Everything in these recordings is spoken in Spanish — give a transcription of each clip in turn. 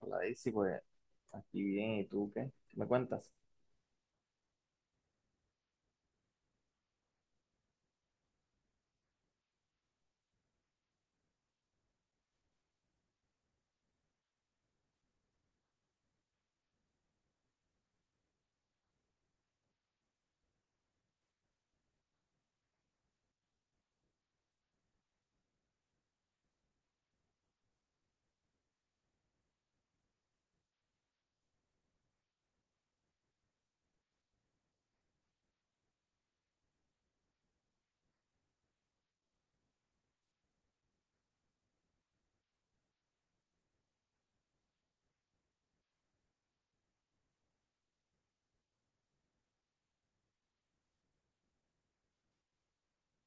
Hola Daisy, pues aquí bien, ¿y tú qué? ¿Qué me cuentas?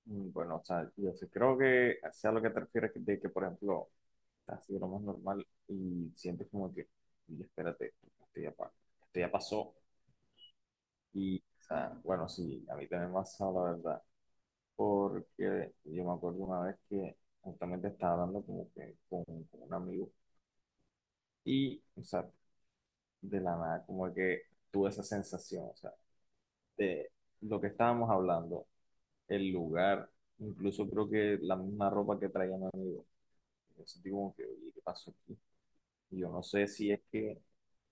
Bueno, o sea, yo sí creo que sea lo que te refieres de que, por ejemplo, estás así lo más normal y sientes como que, y espérate, esto ya, esto ya pasó. Y, o sea, bueno, sí, a mí también me ha pasado, la verdad, porque yo me acuerdo una vez que justamente estaba hablando como que con un amigo y, o sea, de la nada, como que tuve esa sensación, o sea, de lo que estábamos hablando, el lugar, incluso creo que la misma ropa que traía mi amigo. Yo sentí como que, oye, ¿qué pasó aquí? Y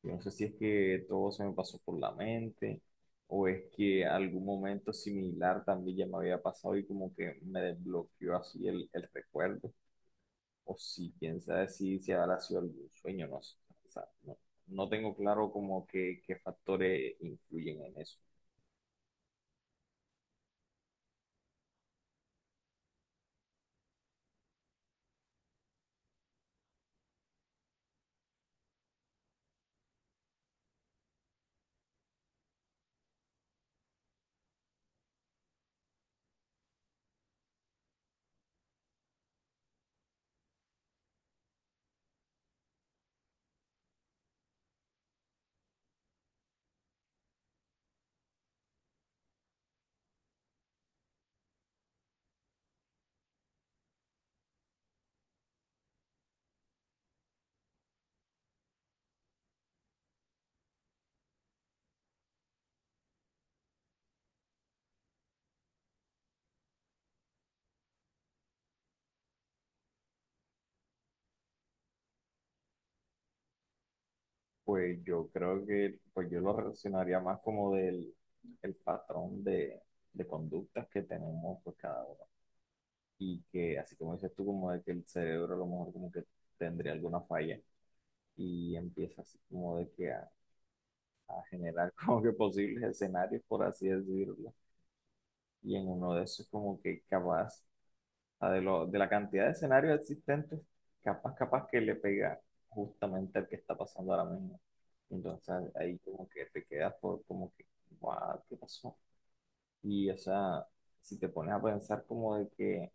yo no sé si es que todo se me pasó por la mente o es que algún momento similar también ya me había pasado y como que me desbloqueó así el recuerdo. O si, quién sabe si habrá sido algún sueño, no sé. O sea, no, no tengo claro como que qué factores influyen en eso. Pues yo creo que pues yo lo relacionaría más como del el patrón de conductas que tenemos pues cada uno. Y que así como dices tú, como de que el cerebro a lo mejor como que tendría alguna falla y empieza así como de que a generar como que posibles escenarios, por así decirlo. Y en uno de esos como que capaz sea, de la cantidad de escenarios existentes, capaz que le pega justamente al que está pasando ahora mismo. Entonces ahí como que te quedas por como que, "Guau, ¿qué pasó?" Y o sea, si te pones a pensar como de que,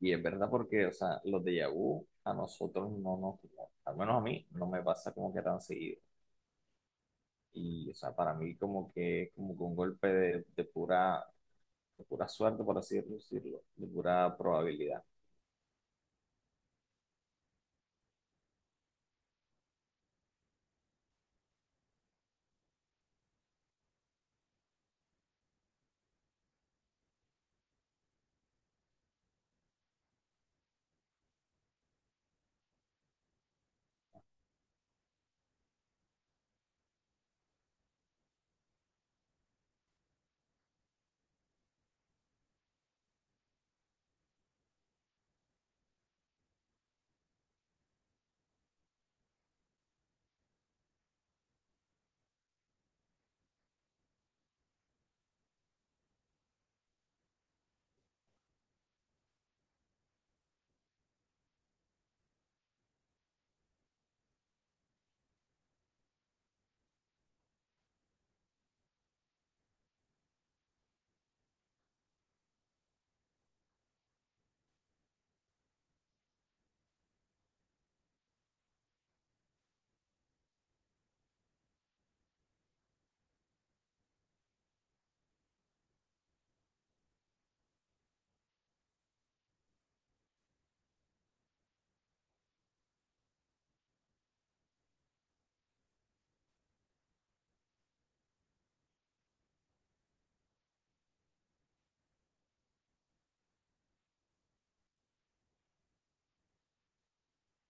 y es verdad porque, o sea, los de vu a nosotros no nos, al menos a mí, no me pasa como que tan seguido. Y o sea, para mí como que es como que un golpe de pura suerte, por así decirlo, de pura probabilidad.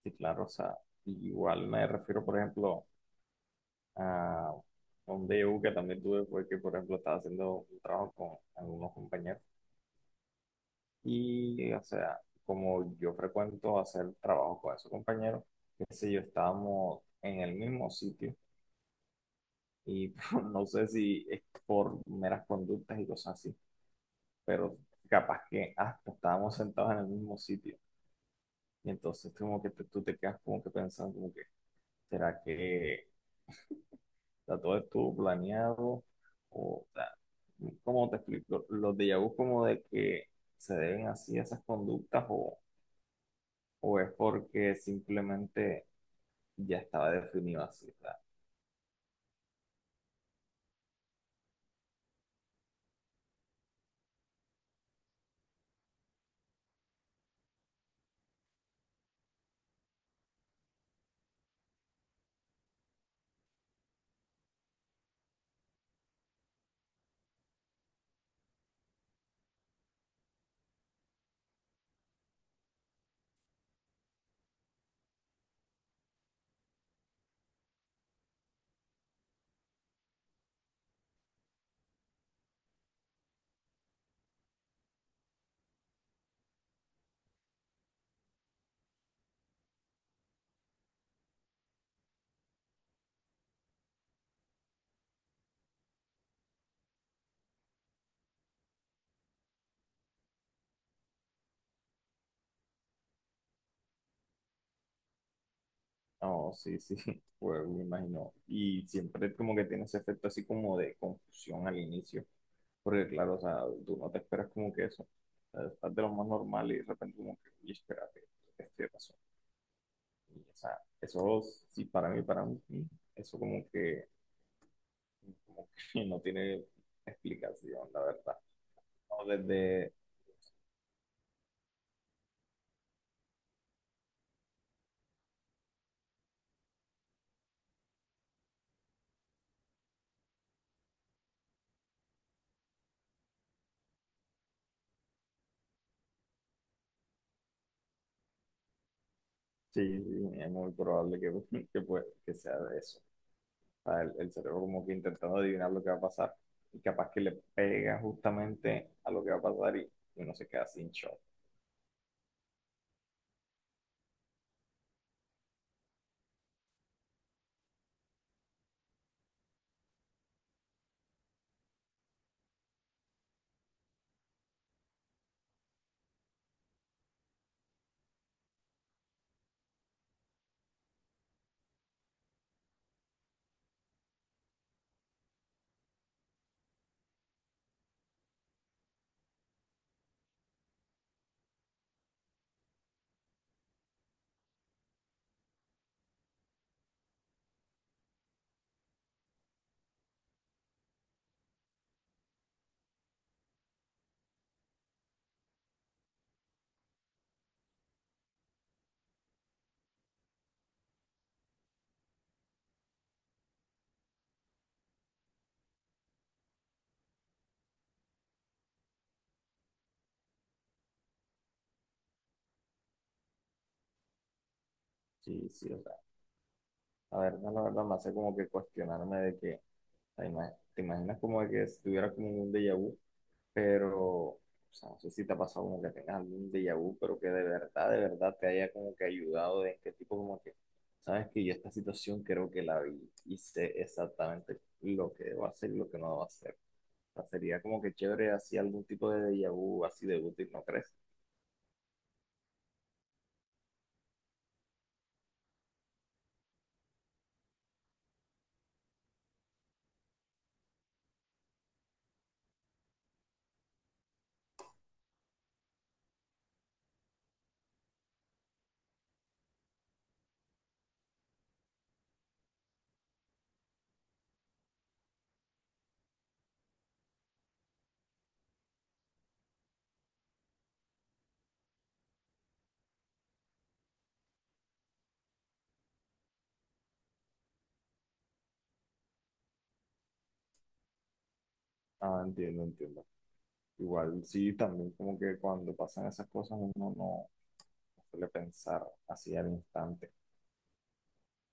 Sí, claro, o sea, igual me refiero, por ejemplo, a un DU que también tuve, fue que, por ejemplo, estaba haciendo un trabajo con algunos compañeros y, o sea, como yo frecuento hacer trabajo con esos compañeros, qué sé yo, estábamos en el mismo sitio y no sé si es por meras conductas y cosas así, pero capaz que hasta estábamos sentados en el mismo sitio y entonces como que tú te quedas como que pensando como que, ¿será que sea, todo estuvo planeado, o, sea, ¿cómo te explico? ¿Los déjà vu como de que se deben así a esas conductas o es porque simplemente ya estaba definido así? O sea, no, sí, sí, pues me imagino. Y siempre como que tiene ese efecto así como de confusión al inicio, porque claro, o sea, tú no te esperas como que eso, o sea, estás de lo más normal y de repente como que, "Uy, espérate, este pasó." Y, o sea, eso sí, para mí, eso como que no tiene explicación, la verdad. No, sí, sí, es muy probable que sea de eso. O sea, el cerebro como que intentando adivinar lo que va a pasar y capaz que le pega justamente a lo que va a pasar y uno se queda sin shock. Sí, sí, o sea, la verdad me hace como que cuestionarme de que, o sea, te imaginas como de que estuviera como un déjà vu, pero o sea, no sé si te ha pasado como que tengas algún déjà vu, pero que de verdad te haya como que ayudado de este tipo, como que, sabes que yo esta situación creo que la vi y sé exactamente lo que debo hacer y lo que no debo hacer. O sea, sería como que chévere así algún tipo de déjà vu así de útil, ¿no crees? Ah, entiendo, entiendo. Igual sí, también como que cuando pasan esas cosas uno no suele pensar así al instante.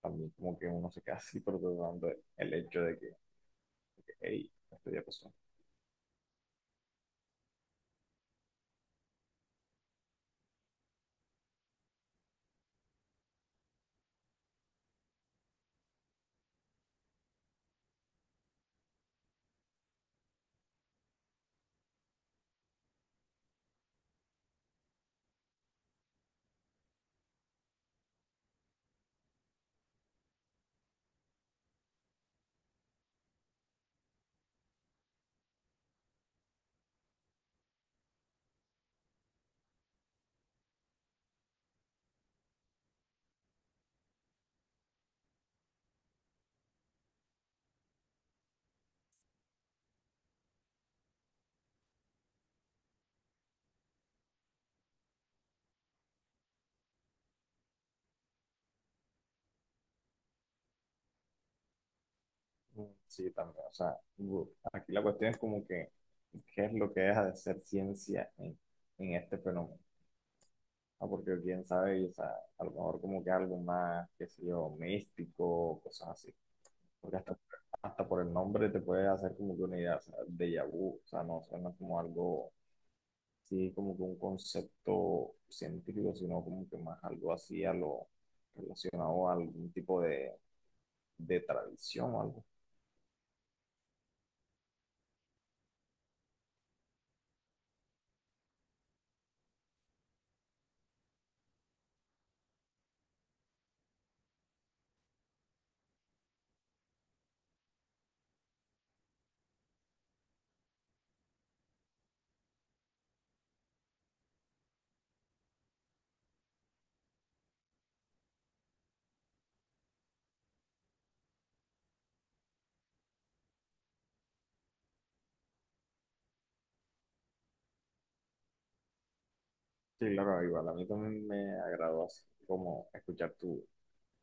También como que uno se queda así procesando el hecho de que, hey, esto ya pasó. Sí, también. O sea, aquí la cuestión es como que, ¿qué es lo que deja de ser ciencia en este fenómeno? Ah, porque quién sabe, y, o sea, a lo mejor como que algo más, qué sé yo, místico, cosas así. Porque hasta por el nombre te puede hacer como que una idea, o sea, déjà vu, o sea, no suena como algo, sí, como que un concepto científico, sino como que más algo así a lo relacionado a algún tipo de tradición o algo. Sí, claro, igual a mí también me agradó así como escuchar tu,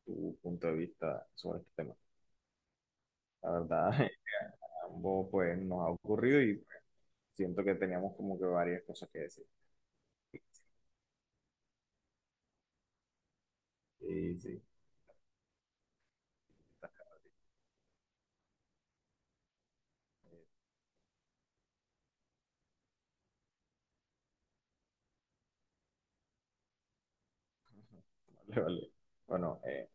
tu punto de vista sobre este tema. La verdad, a ambos pues nos ha ocurrido y pues, siento que teníamos como que varias cosas que decir. Sí, sí, vale, vale. Bueno.